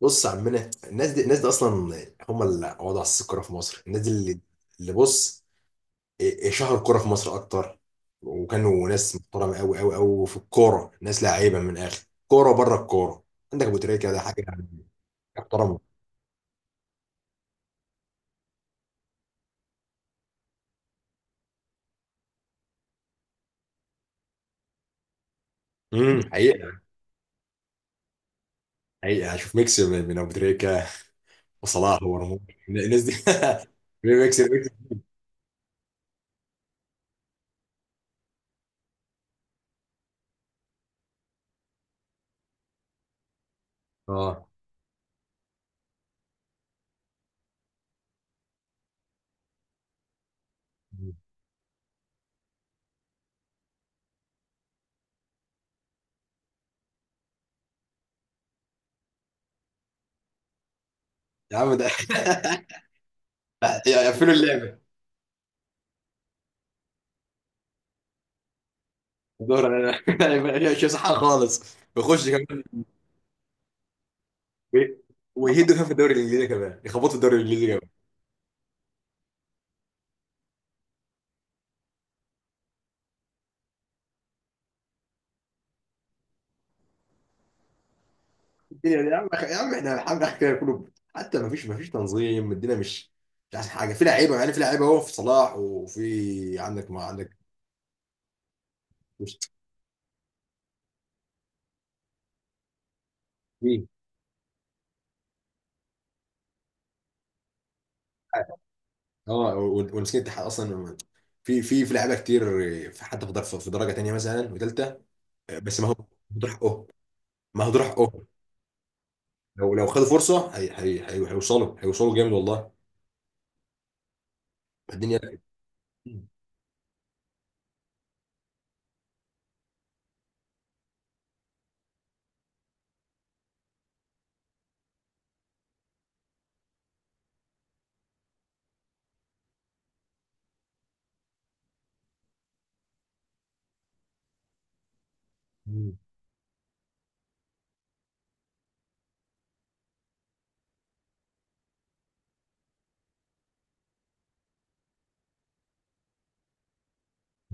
بص يا عمنا، الناس دي الناس دي اصلا هم اللي قعدوا على السكه الكوره في مصر. الناس دي اللي شهروا الكوره في مصر اكتر، وكانوا ناس محترمه قوي قوي قوي في الكوره، ناس لعيبه من الاخر، كوره بره الكوره. عندك ابو تريكه ده حاجه محترمه. حقيقه. حقيقه هشوف ميكس من ابو تريكه وصلاح ورموش، الناس دي ميكس ميكس. اه يا عم ده يقفلوا اللعبه. دور انا. مش صح خالص، بيخش كمان ويهدوا. كان في الدوري الانجليزي كمان، يخبطوا الدوري الانجليزي كمان. الدنيا دي يا عم، يا عم احنا الحمد لله كده كله، حتى ما فيش تنظيم. الدنيا مش احسن حاجه؟ في لعيبه يعني، في لعيبه اهو، في صلاح وفي عندك ما عندك. مش في اه ومسكين الاتحاد اصلا. في لعيبه كتير، في حتى في درجه تانيه مثلا وثالثه. بس ما هو هدول حقهم، ما هدول حقهم. لو خدوا فرصه، هي هيوصلوا جامد والله الدنيا.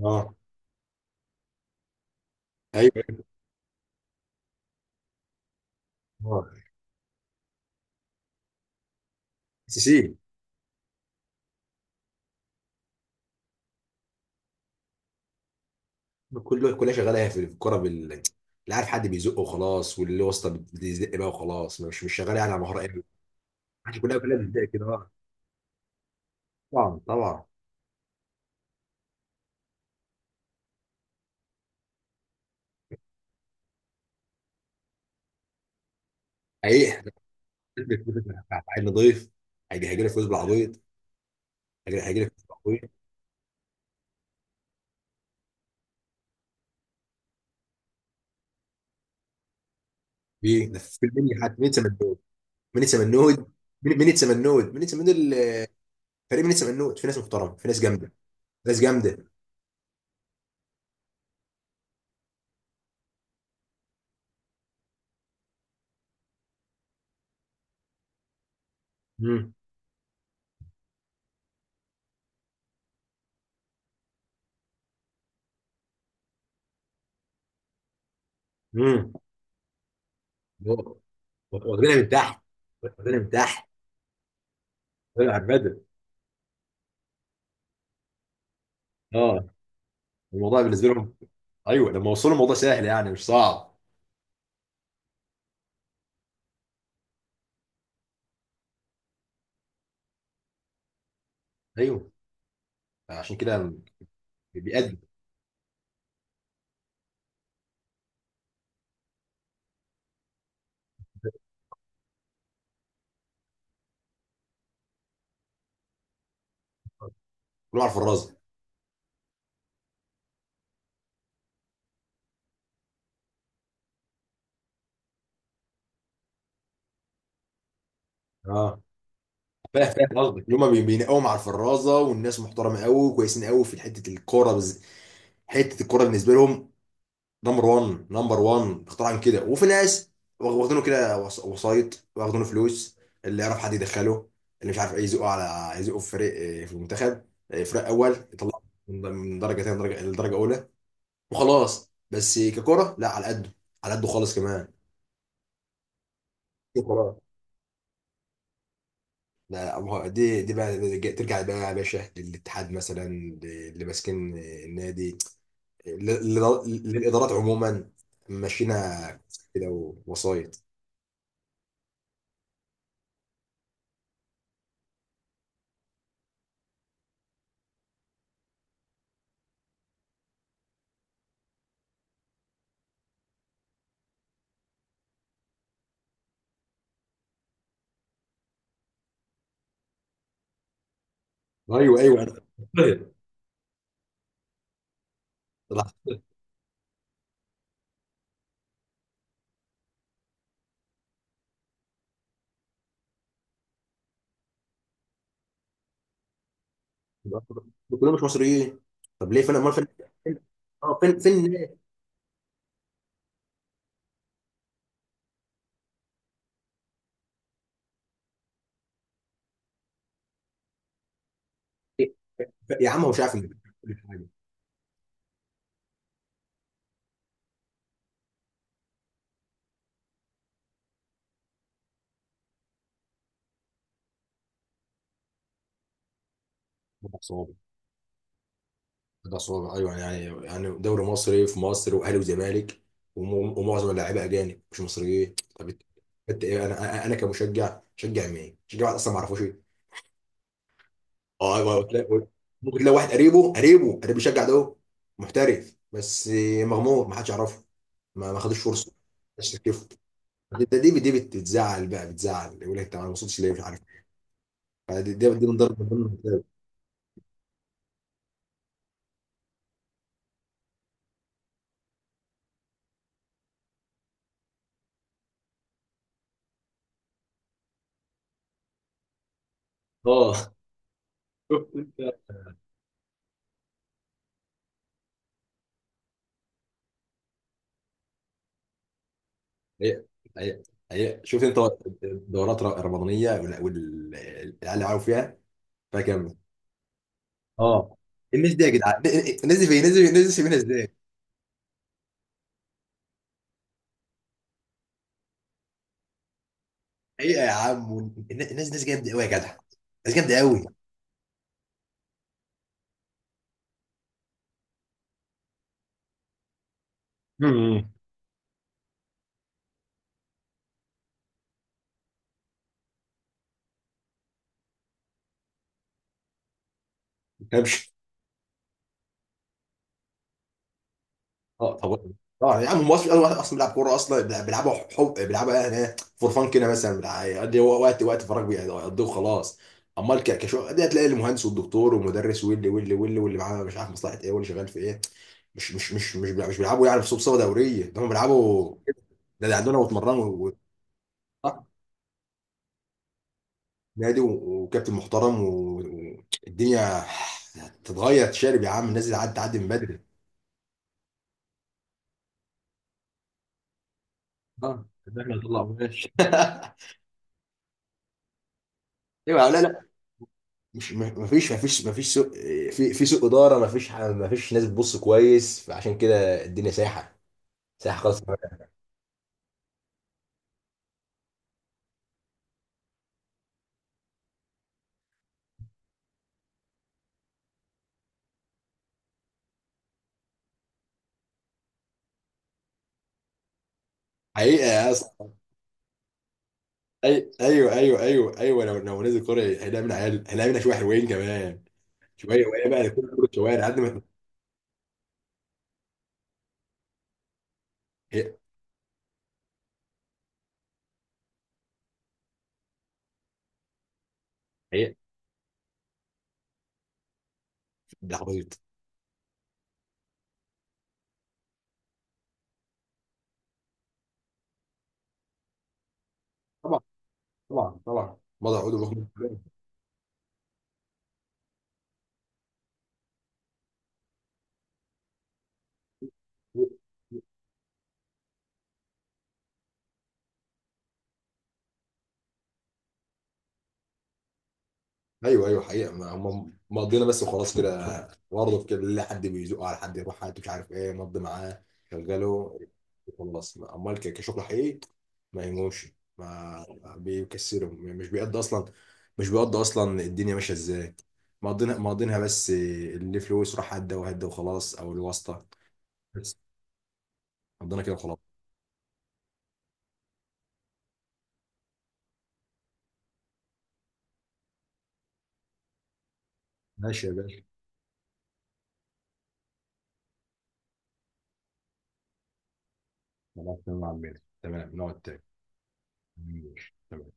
اه ايوه اه. سي سي. كله كلها شغاله في الكوره لا، عارف حد بيزقه وخلاص، واللي واسطه بتزق بقى وخلاص، مش شغاله يعني على مهاره قوي. عشان كلها كلها بتزق كده طبعا طبعا. حقيقي إحنا بنلبس فلوس، إحنا عيل نضيف، هيجي هيجي لك فلوس بالعبيط. هيجي هيجي لك فلوس بالعبيط. في ده، في مني حد؟ مين سمنود؟ مين سمنود؟ مين سمنود؟ مين سمنود فريق مين سمنود؟ في ناس محترمه، في ناس جامده، ناس جامده. امم امم واخدينها من تحت، واخدينها من تحت، واخدينها على البدل. اه، الموضوع بالنسبه لهم ايوه، لما وصلوا الموضوع سهل يعني، مش صعب. ايوه، عشان كده بيأدي كله على الفرازه. اه، فاهم فاهم قصدك، اللي هم بينقوا مع الفرازه، والناس محترمه قوي وكويسين قوي في حته الكوره بالنسبه لهم نمبر 1 نمبر 1 اختراعا كده. وفي ناس واخدينه كده وسايط، واخدينه فلوس، اللي يعرف حد يدخله، اللي مش عارف ايه يزقه، على يزقه في فريق في المنتخب، فريق اول يطلع من درجه ثانيه لدرجه اولى وخلاص. بس ككرة لا، على قده، على قده خالص كمان. وخلاص لا. دي بقى ترجع بقى يا باشا للاتحاد مثلا، اللي ماسكين النادي، للادارات عموما، ماشيينها كده ووسايط. ايوه ايوه طيب. طلع كلهم مش مصريين، طب ليه؟ فين امال؟ فين فين؟ اه فين فين؟ يا عم هو مش عارف كل حاجه. الأسوار أيوه، يعني يعني دوري مصري في مصر وأهلي وزمالك، ومعظم اللاعيبة أجانب مش مصريين. طب انت ايه؟ انا انا أنا كمشجع شجع مين؟ شجع واحد اصلا ما اعرفوش ايه. اه ايوه ممكن تلاقي واحد قريبه قريب بيشجع ده، محترف بس مغمور، ما حدش يعرفه، ما خدوش فرصه، ما حدش شاف. ده دي بتزعل بقى، بتزعل يقول لك انت ما وصلتش ليه؟ مش عارف. دي من ضرب من ضمن الأسباب. اه هي هي هي شفت انت الدورات الرمضانيه والعيال، عارف فيها كام؟ اه الناس دي يا جدعان، الناس دي فين؟ الناس دي الناس دي سيبينها ازاي؟ حقيقه يا عم، الناس ناس جامده قوي يا جدع، ناس جامده قوي. مم. اه طب. اه يا عم هم اصلا، واحد اصلا بيلعب كوره اصلا بيلعبوا حب، بيلعبوا يعني فور فان كده مثلا، يقضي هو وقت فراغ بيقضيه وخلاص. امال كشغل دي، هتلاقي المهندس والدكتور والمدرس واللي واللي واللي واللي معاه مش عارف مصلحه ايه، واللي شغال في ايه. مش مش مش مش مش بيلعبوا يعني في صوبصه دوريه، ده هم بيلعبوا كده. ده اللي عندنا واتمرنوا صح؟ نادي وكابتن محترم، والدنيا تتغير. تشارب يا عم، الناس اللي عدت تعدي من بدري. اه، ده احنا نطلع بلاش ايوه لا لا. مش، ما فيش ما فيش سوء. في سوء اداره، ما فيش ما فيش ناس بتبص كويس، فعشان كده الدنيا سايحه، سايحه خالص. حقيقه يا اسطى. ايوه ايوه ايوه ايوه، لو نزل كوره هنلاقي منها عيال، هنلاقي منها شويه حلوين كمان، شويه. وهي بقى كل كره شوارع قد ما. هي هي ده عبيط. طبعا طبعا طبعا، وضع عقود. ايوه ايوه حقيقه هم مقضينا بس وخلاص كده، برضه كده اللي حد بيزقه على حد، يروح حد مش عارف ايه، مضي معاه شغله يخلص. امال كشغل حقيقي ما يهموش، ما بيكسرهم يعني، مش بيقضي اصلا، مش بيقضي اصلا الدنيا ماشيه ازاي. مقضينا مقضينها بس، اللي فلوس راح هدى وهدى وخلاص، او الواسطه بس. مقضينا كده وخلاص. ماشي يا باشا. خلاص تمام يا عمنا، تمام، نقعد تاني. ماشي تمام